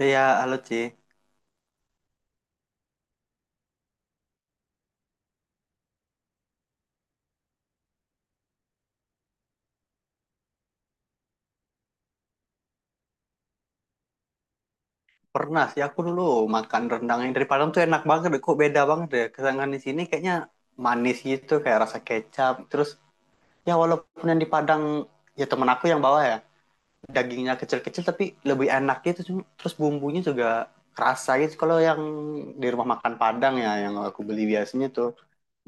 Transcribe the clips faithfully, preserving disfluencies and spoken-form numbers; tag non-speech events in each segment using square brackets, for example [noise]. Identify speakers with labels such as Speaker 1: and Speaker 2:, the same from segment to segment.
Speaker 1: Iya, halo Ci. Pernah sih aku dulu makan rendang yang dari Padang tuh enak banget deh. Kok beda banget deh. Kesangan di sini kayaknya manis gitu, kayak rasa kecap. Terus ya walaupun yang di Padang, ya temen aku yang bawa ya, dagingnya kecil-kecil tapi lebih enak gitu. Cuma- Terus bumbunya juga kerasa gitu. Kalau yang di rumah makan Padang ya, yang aku beli biasanya tuh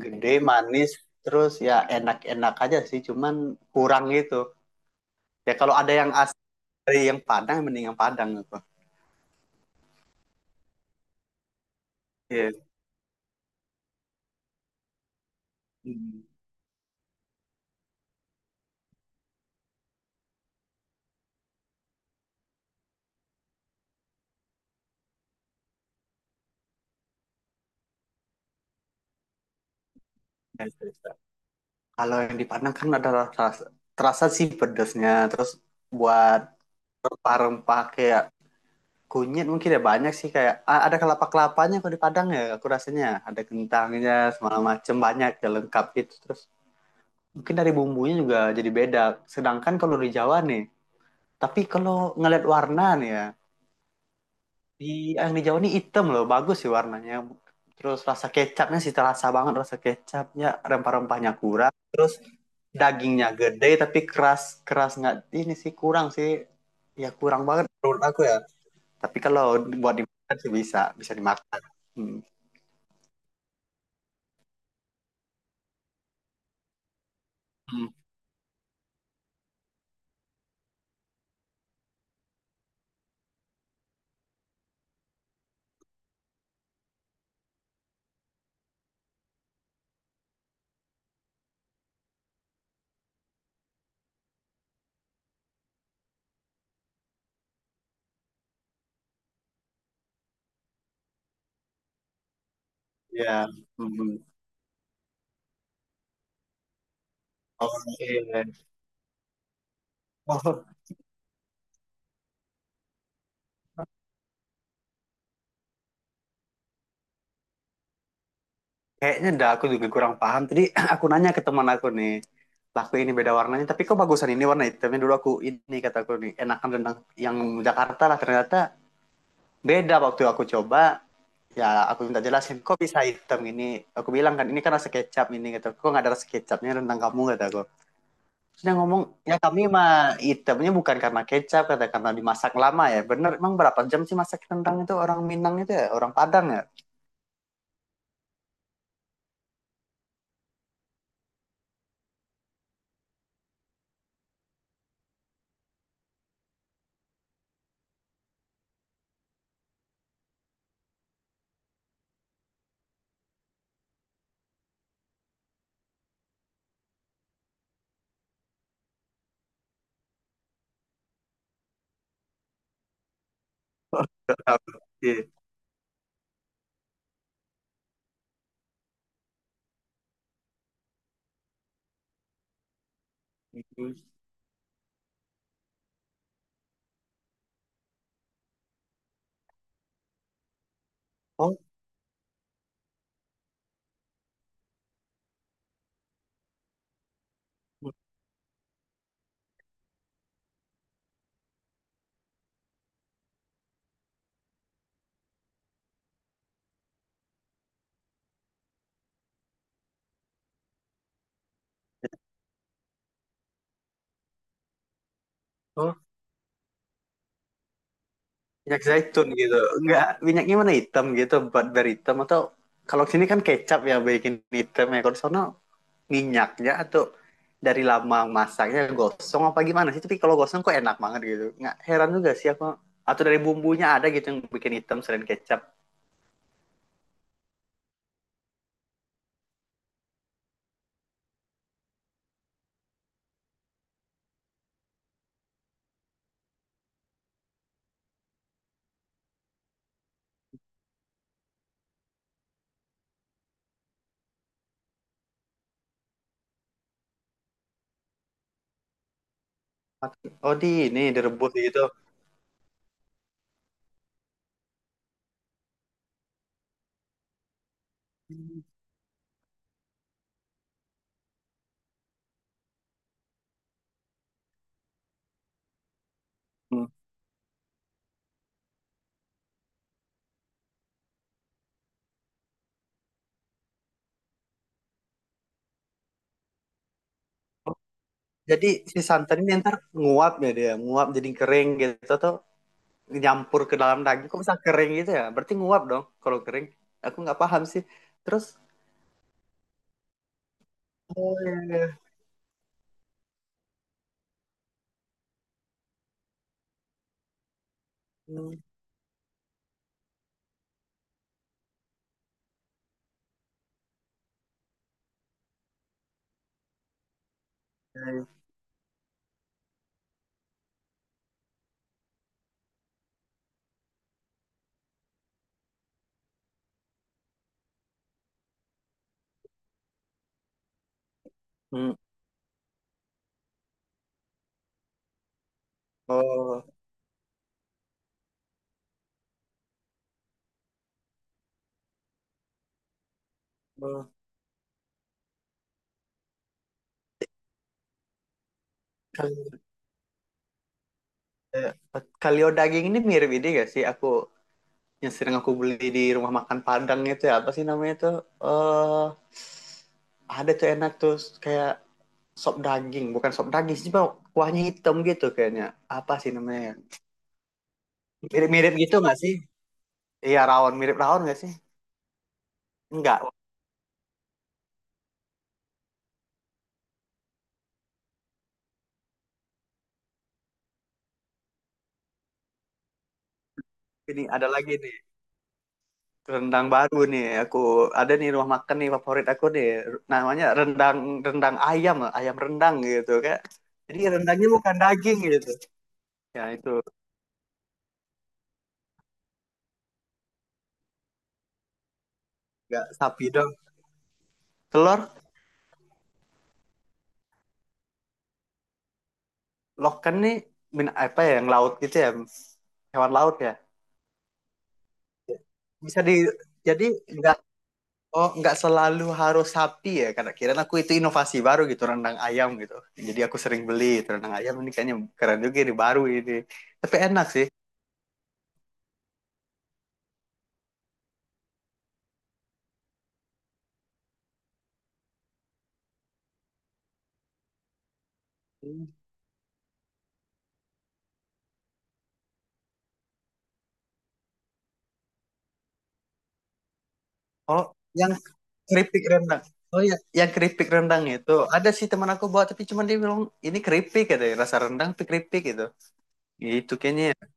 Speaker 1: gede, manis, terus ya enak-enak aja sih. Cuman kurang gitu. Ya kalau ada yang asli dari yang Padang, mending yang Padang gitu. Iya. Hmm. Kalau yang di Padang kan ada rasa, terasa sih pedesnya. Terus buat rempah-rempah kayak kunyit mungkin ya banyak sih kayak a- ada kelapa-kelapanya kalau di Padang ya aku rasanya ada kentangnya segala macem banyak ya lengkap gitu terus mungkin dari bumbunya juga jadi beda sedangkan kalau di Jawa nih tapi kalau ngeliat warna nih ya. Di yang di Jawa ini hitam loh, bagus sih warnanya. Terus rasa kecapnya sih terasa banget rasa kecapnya, rempah-rempahnya kurang. Terus dagingnya gede tapi keras keras nggak ini sih kurang sih. Ya kurang banget menurut aku ya. Tapi kalau buat dimakan sih bisa, bisa dimakan. Hmm. Hmm. Ya. Hmm. Oke. Oh. Kayaknya dah aku juga kurang paham. Tadi [clears throat] aku nanya ke teman aku nih, laku ini beda warnanya, tapi kok bagusan ini warna hitamnya dulu aku ini kata aku nih, enakan rendang yang Jakarta lah ternyata beda waktu aku coba. Ya aku minta jelasin kok bisa hitam ini. Aku bilang kan ini kan rasa kecap ini gitu. Kok nggak ada rasa kecapnya rendang kamu kata aku. Terus dia ngomong ya kami mah hitamnya bukan karena kecap kata karena dimasak lama ya. Bener emang berapa jam sih masak rendang itu orang Minang itu ya orang Padang ya. [laughs] Iya. Oh, betul. Minyak zaitun gitu enggak, minyaknya mana hitam gitu buat dari hitam atau kalau sini kan kecap ya bikin hitam ya kalau di sana minyaknya atau dari lama masaknya gosong apa gimana sih tapi kalau gosong kok enak banget gitu nggak heran juga sih aku atau dari bumbunya ada gitu yang bikin hitam selain kecap. Atau- oh di ini direbus gitu. Hmm. Jadi si santan ini ntar nguap ya dia nguap jadi kering gitu atau nyampur ke dalam daging kok bisa kering gitu ya berarti nguap dong kalau kering aku nggak paham sih terus. Oh iya. Hmm. Iya, iya. Hmm. Oh, oh. Kal- eh, Kalio daging ini mirip ini gak sih? Aku yang sering aku beli di rumah makan Padang itu ya apa sih namanya tuh. Eh, ada tuh enak tuh kayak sop daging, bukan sop daging sih, Bang. Kuahnya hitam gitu kayaknya. Apa sih namanya, ya? Mirip-mirip gitu nggak sih? Iya rawon, mirip rawon nggak sih? Enggak. Ini ada lagi nih. Rendang baru nih aku ada nih rumah makan nih favorit aku nih namanya rendang rendang ayam ayam rendang gitu kayak jadi rendangnya bukan daging gitu ya itu nggak sapi dong telur loken nih min apa ya yang laut gitu ya hewan laut ya bisa di jadi nggak oh nggak selalu harus sapi ya karena kira aku itu inovasi baru gitu rendang ayam gitu jadi aku sering beli itu rendang ayam ini kayaknya keren juga ini baru ini tapi enak sih oh yang keripik rendang. Oh iya, yang keripik rendang itu ada sih teman aku buat tapi cuman dia bilang ini keripik katanya rasa rendang tapi keripik gitu. Itu kayaknya, ya.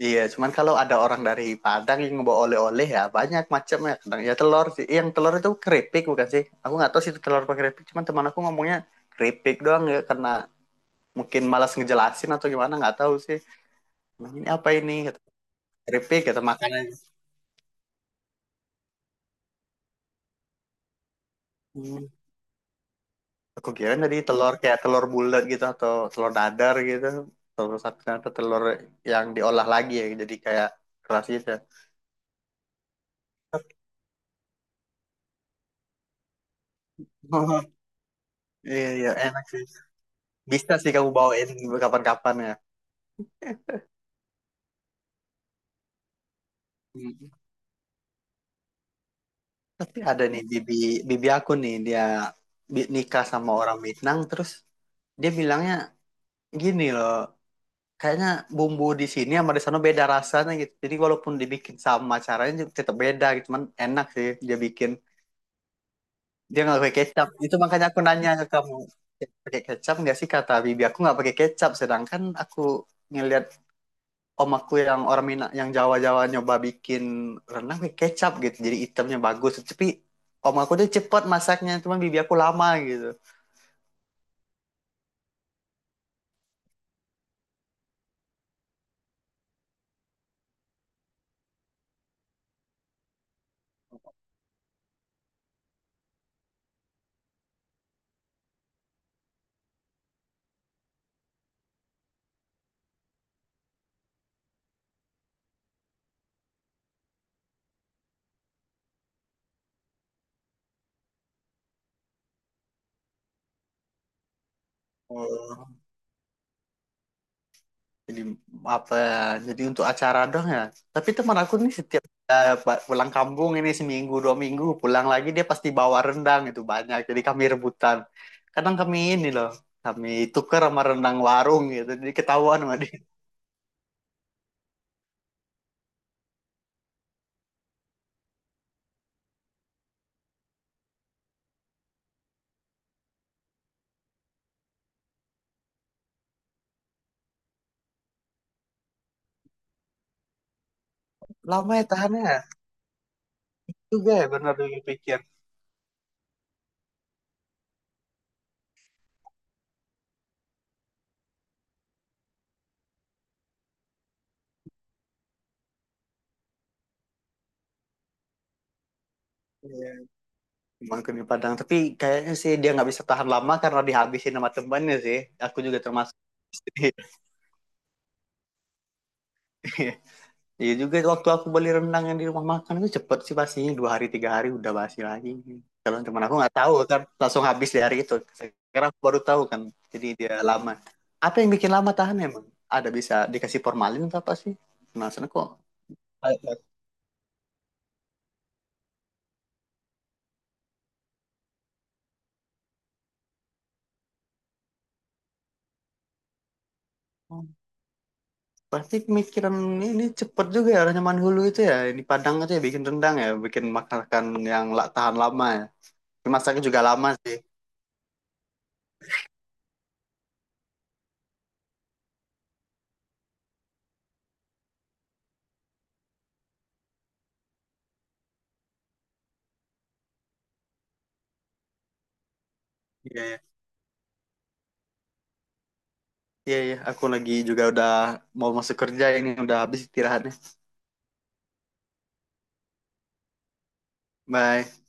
Speaker 1: Iya, cuman kalau ada orang dari Padang yang ngebawa oleh-oleh ya banyak macamnya. Kadang ya telur sih. Yang telur itu keripik bukan sih? Aku nggak tahu sih itu telur apa keripik, cuman teman aku ngomongnya keripik doang ya karena mungkin malas ngejelasin atau gimana nggak tahu sih. Ini apa ini? Kata, keripik kata makanan. Hmm. Aku kira tadi telur kayak telur bulat gitu atau telur dadar gitu. Telur sapi atau telur yang diolah lagi ya jadi kayak keras gitu, ya. [laughs] Iya, iya, enak sih. Bisa sih kamu bawain kapan-kapan ya. Hmm. Tapi ada nih bibi bibi aku nih dia bi- nikah sama orang Minang terus dia bilangnya gini loh, kayaknya bumbu di sini sama di sana beda rasanya gitu. Jadi walaupun dibikin sama caranya juga tetap beda gitu, cuman enak sih dia bikin. Dia nggak pakai kecap. Itu makanya aku nanya ke kamu. Pakai kecap nggak sih kata Bibi? Aku nggak pakai kecap. Sedangkan aku ngelihat om aku yang orang Minang, yang Jawa-Jawa nyoba bikin renang pakai kecap gitu. Jadi itemnya bagus. Tapi om aku tuh cepet masaknya. Cuman Bibi aku lama gitu. Oh. Jadi apa ya? Jadi untuk acara doang ya. Tapi teman aku nih setiap eh, ba- pulang kampung ini seminggu dua minggu pulang lagi dia pasti bawa rendang itu banyak. Jadi kami rebutan. Kadang kami ini loh, kami tuker sama rendang warung gitu. Jadi ketahuan sama dia. Lama ya tahannya ya, juga ya benar dipikir. Iya, emang kami Padang. Tapi kayaknya sih dia nggak bisa tahan lama karena dihabisin sama temannya sih. Aku juga termasuk. [laughs] Iya juga waktu aku beli rendang yang di rumah makan itu cepet sih pastinya dua hari tiga hari udah basi lagi. Kalau teman aku nggak tahu kan langsung habis di hari itu. Sekarang aku baru tahu kan. Jadi dia lama. Apa yang bikin lama tahan emang? Ada bisa dikasih formalin atau apa sih? Penasaran kok. Pasti pemikiran ini cepet juga ya orang hulu itu ya. Di Padang itu ya bikin rendang ya, bikin masakan yang la- tahan lama ya. Masaknya juga lama sih. Iya, iya, iya, iya. Aku lagi juga udah mau masuk kerja ini udah habis istirahatnya. Bye.